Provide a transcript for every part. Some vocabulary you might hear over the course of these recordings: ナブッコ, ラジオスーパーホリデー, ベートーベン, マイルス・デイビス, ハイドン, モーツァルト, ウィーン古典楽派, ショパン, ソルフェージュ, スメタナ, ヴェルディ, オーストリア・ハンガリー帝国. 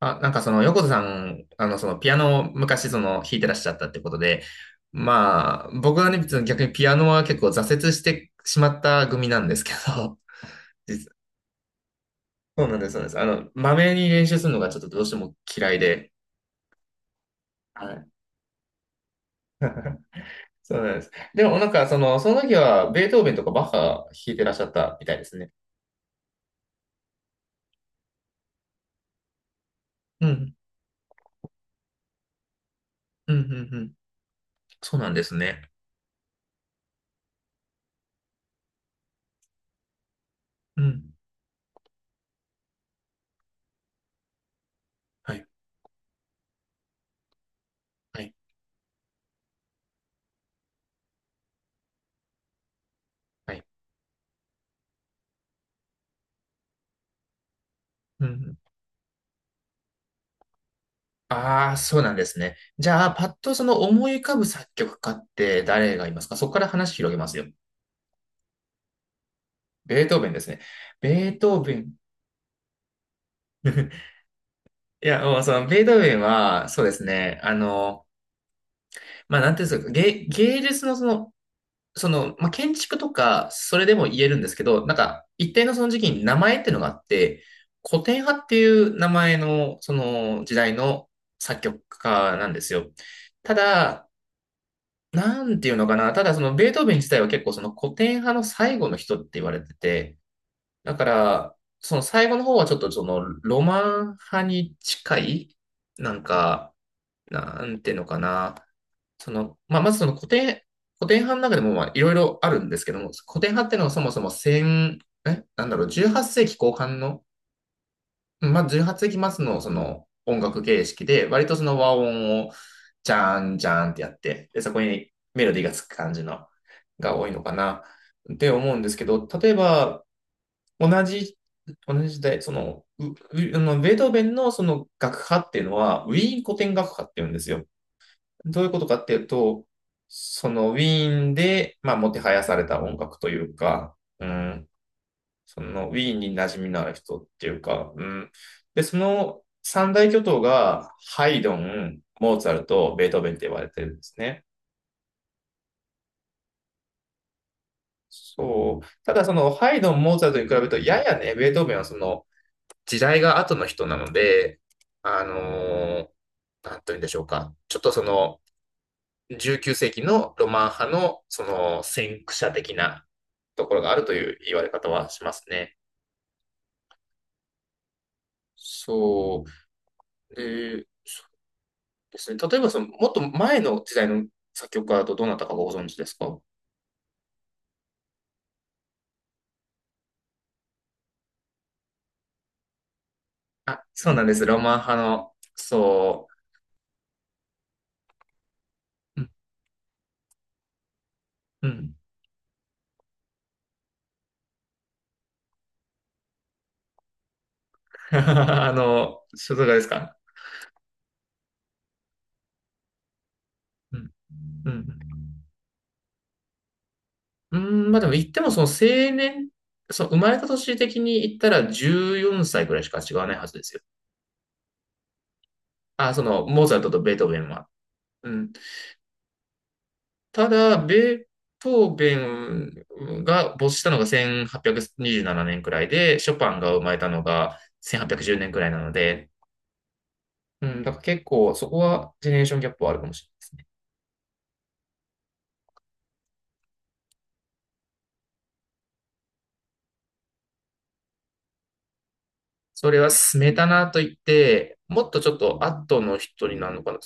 あ、なんかその横田さん、そのピアノを昔その弾いてらっしゃったってことで、まあ僕はね、別に逆にピアノは結構挫折してしまった組なんですけど、実そうなんです、そうなんです。あの、まめに練習するのがちょっとどうしても嫌いで、はい。そうなんです。でもなんかその時はベートーベンとかバッハ弾いてらっしゃったみたいですね。うん、うん、うん、うん。そうなんですね。うん。はい、はい、はい。うん、うん。ああ、そうなんですね。じゃあ、パッとその思い浮かぶ作曲家って誰がいますか？そこから話広げますよ。ベートーベンですね。ベートーベン。いや、もうそのベートーベンは、そうですね。あの、まあ、なんていうんですか、芸術のその、その、まあ、建築とか、それでも言えるんですけど、なんか、一定のその時期に名前っていうのがあって、古典派っていう名前の、その時代の作曲家なんですよ。ただ、なんていうのかな。ただそのベートーベン自体は結構その古典派の最後の人って言われてて、だからその最後の方はちょっとそのロマン派に近い、なんか、なんていうのかな。その、まあ、まずその古典派の中でもまあいろいろあるんですけども、古典派っていうのはそもそも1え、なんだろう、18世紀後半のまあ、18世紀末のその音楽形式で、割とその和音をジャーンジャーンってやって、で、そこにメロディーがつく感じのが多いのかなって思うんですけど、例えば同じ、同じ時代、その、ううあのベートーベンのその楽派っていうのは、ウィーン古典楽派っていうんですよ。どういうことかっていうと、そのウィーンで、まあ、もてはやされた音楽というか、うん、その、ウィーンに馴染みのある人っていうか、うん。で、その三大巨頭が、ハイドン、モーツァルト、ベートーベンって言われてるんですね。そう。ただ、その、ハイドン、モーツァルトに比べると、ややね、ベートーベンはその、時代が後の人なので、あのなんというんでしょうか。ちょっとその、19世紀のロマン派の、その、先駆者的なところがあるという言われ方はしますね。そう。で、ですね。例えばその、もっと前の時代の作曲家だとどなたかご存知ですか？あ、そうなんです。ロマン派の、そう。うん、うん。あの、所属ですか？うん、うん。うん、まあでも言ってもその青年、そう生まれた年的に言ったら14歳ぐらいしか違わないはずですよ。あ、その、モーツァルトとベートーベンは。うん。ただ、ベートーベンが没したのが1827年にじゅうななねんくらいで、ショパンが生まれたのが1810年じゅうねんくらいなので、うん、だから結構そこはジェネレーションギャップはあるかもしれないですね。それはスメタナといって、もっとちょっと後の人になるのかな。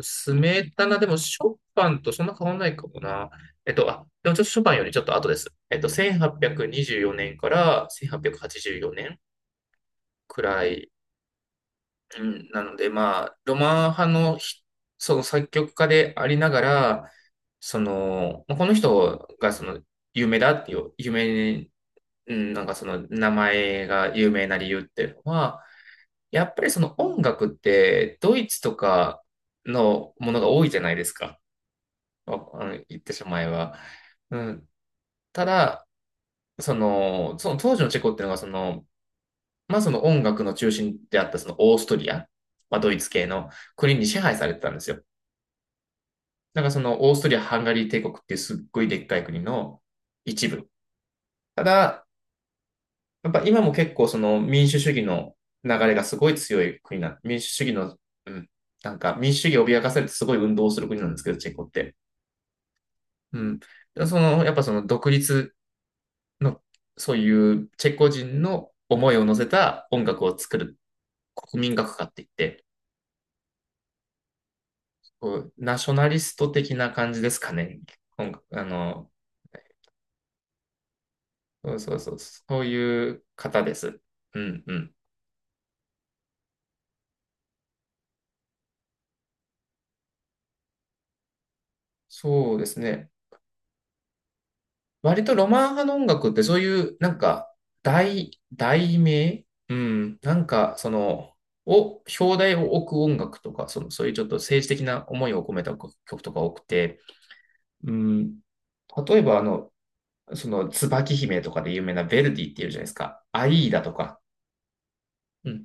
スメタナでもショパンとそんな変わんないかもな。えっと、あ、でもちょっとショパンよりちょっと後です。えっと、1824年から1884年はちじゅうよねんくらい、うん、なので、まあ、ロマン派のひその作曲家でありながら、その、まあこの人がその有名だっていう、有名うん、なんかその名前が有名な理由っていうのは、やっぱりその音楽ってドイツとかのものが多いじゃないですか。ああの言ってしまえば。うん、ただ、その、その当時のチェコっていうのがその、まあその音楽の中心であったそのオーストリア、まあドイツ系の国に支配されてたんですよ。なんかそのオーストリア・ハンガリー帝国っていうすっごいでっかい国の一部。ただ、やっぱ今も結構その民主主義の流れがすごい強い国な、民主主義の、うん、なんか民主主義を脅かされてすごい運動をする国なんですけど、チェコって。うん。その、やっぱその独立の、そういうチェコ人の思いを乗せた音楽を作る国民楽歌って言って、こうナショナリスト的な感じですかね。音楽、あの、そうそうそう、そういう方です。うんうん。そうですね。割とロマン派の音楽ってそういう、なんか、題名うん。なんか、その、を、表題を置く音楽とか、その、そういうちょっと政治的な思いを込めた曲とか多くて、うん。例えば、あの、その、椿姫とかで有名なヴェルディっていうじゃないですか。アイーダとか。うん。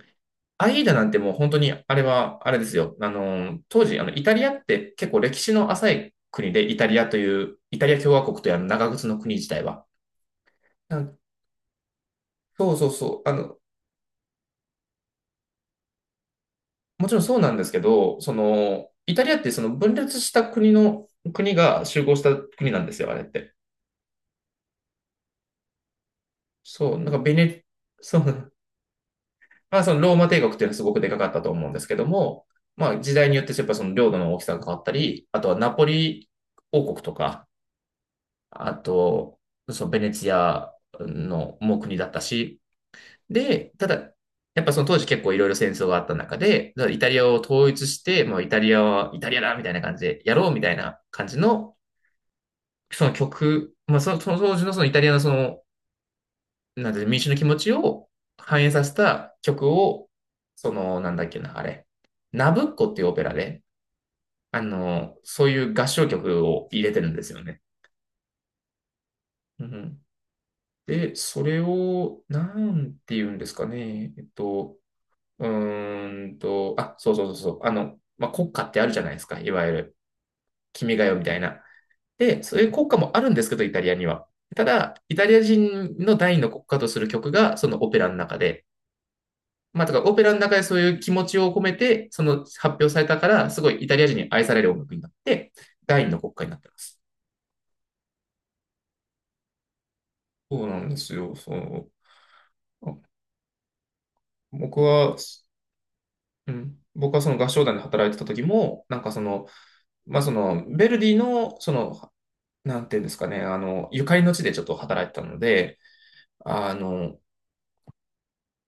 アイーダなんてもう本当に、あれは、あれですよ。あの、当時、あの、イタリアって結構歴史の浅い国で、イタリアという、イタリア共和国というあの長靴の国自体は。そうそうそう。あの、もちろんそうなんですけど、その、イタリアってその分裂した国の、国が集合した国なんですよ、あれって。そう、なんかベネ、そう、まあそのローマ帝国っていうのはすごくでかかったと思うんですけども、まあ時代によってやっぱその領土の大きさが変わったり、あとはナポリ王国とか、あと、そのベネツィアのもう国だったし、で、ただ、やっぱその当時結構いろいろ戦争があった中で、だからイタリアを統一して、もうイタリアはイタリアだみたいな感じでやろうみたいな感じの、その曲、まあその、その当時のそのイタリアのその、なんていうの民主の気持ちを反映させた曲を、その、なんだっけな、あれ、ナブッコっていうオペラで、あの、そういう合唱曲を入れてるんですよね。うん、で、それを、なんて言うんですかね、あ、そうそうそうそう。あの、まあ、国歌ってあるじゃないですか。いわゆる、君が代みたいな。で、そういう国歌もあるんですけど、イタリアには。ただ、イタリア人の第二の国歌とする曲が、そのオペラの中で。まあ、だからオペラの中でそういう気持ちを込めて、その発表されたから、すごいイタリア人に愛される音楽になって、第二の国歌になってます。そうなんですよ、そう。あ僕は、うん、僕はその合唱団で働いてた時も、なんかその、まあ、その、ヴェルディの、その、なんていうんですかね、あの、ゆかりの地でちょっと働いてたので、あの、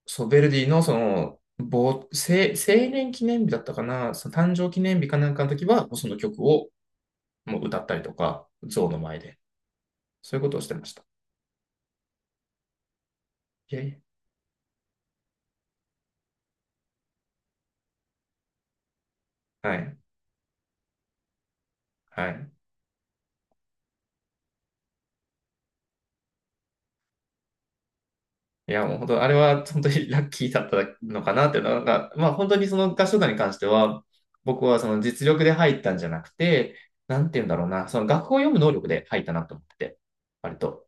そう、ヴェルディのその、成年記念日だったかな、その誕生記念日かなんかの時は、その曲をもう歌ったりとか、像の前で、そういうことをしてました。いやいや、はい、はい。いや、もう本当、あれは本当にラッキーだったのかなっていうのが、まあ本当にその合唱団に関しては、僕はその実力で入ったんじゃなくて、なんていうんだろうな、その楽譜を読む能力で入ったなと思ってて、割と。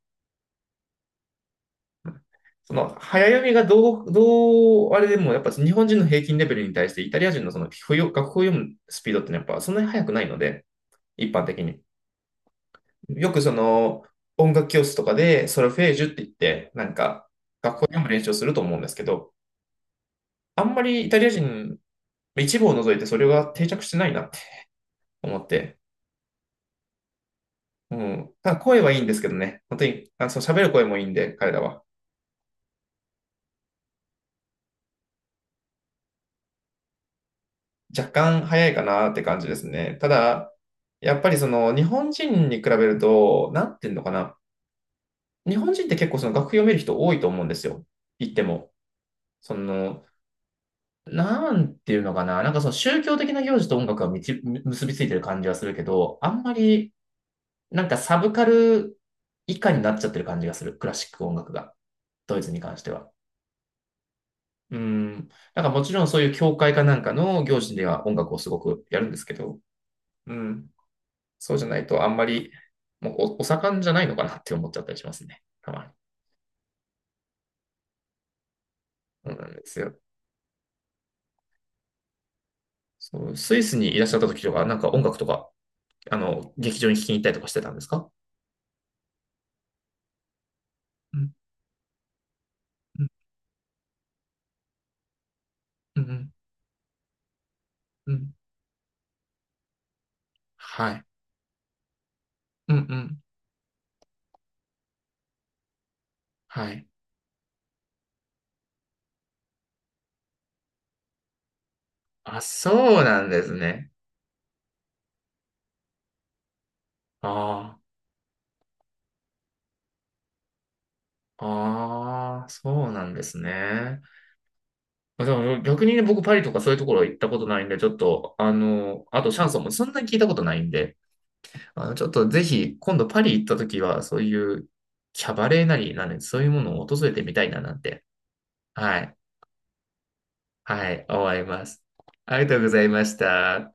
その早読みがどう、どう、あれでもやっぱ日本人の平均レベルに対してイタリア人のその不要楽譜を読むスピードってのはやっぱそんなに速くないので、一般的に。よくその音楽教室とかでソルフェージュって言って、なんか学校読む練習をすると思うんですけど、あんまりイタリア人、一部を除いてそれが定着してないなって思って、うん。ただ声はいいんですけどね。本当に、あ、そう喋る声もいいんで、彼らは。若干早いかなって感じですね。ただ、やっぱりその日本人に比べると、なんていうのかな。日本人って結構その楽譜読める人多いと思うんですよ。言っても。その、なんていうのかな。なんかその宗教的な行事と音楽がみち結びついてる感じはするけど、あんまりなんかサブカル以下になっちゃってる感じがする。クラシック音楽が。ドイツに関しては。うん。なんかもちろんそういう教会かなんかの行事では音楽をすごくやるんですけど。うん。そうじゃないとあんまり、もうおお盛んじゃないのかなって思っちゃったりしますね。たまに。そうなんですよ。そう、スイスにいらっしゃった時とか、なんか音楽とか、あの、劇場に聴きに行ったりとかしてたんですか？うんうんうんうん。はい。うんうん。はい。あ、そうなんですね。ああ、ああ、そうなんですね。でも逆にね、僕パリとかそういうところ行ったことないんで、ちょっと、あの、あとシャンソンもそんなに聞いたことないんで、あの、ちょっとぜひ、今度パリ行った時は、そういうキャバレーなり、なんで、そういうものを訪れてみたいななんて、はい、はい、思います。ありがとうございました。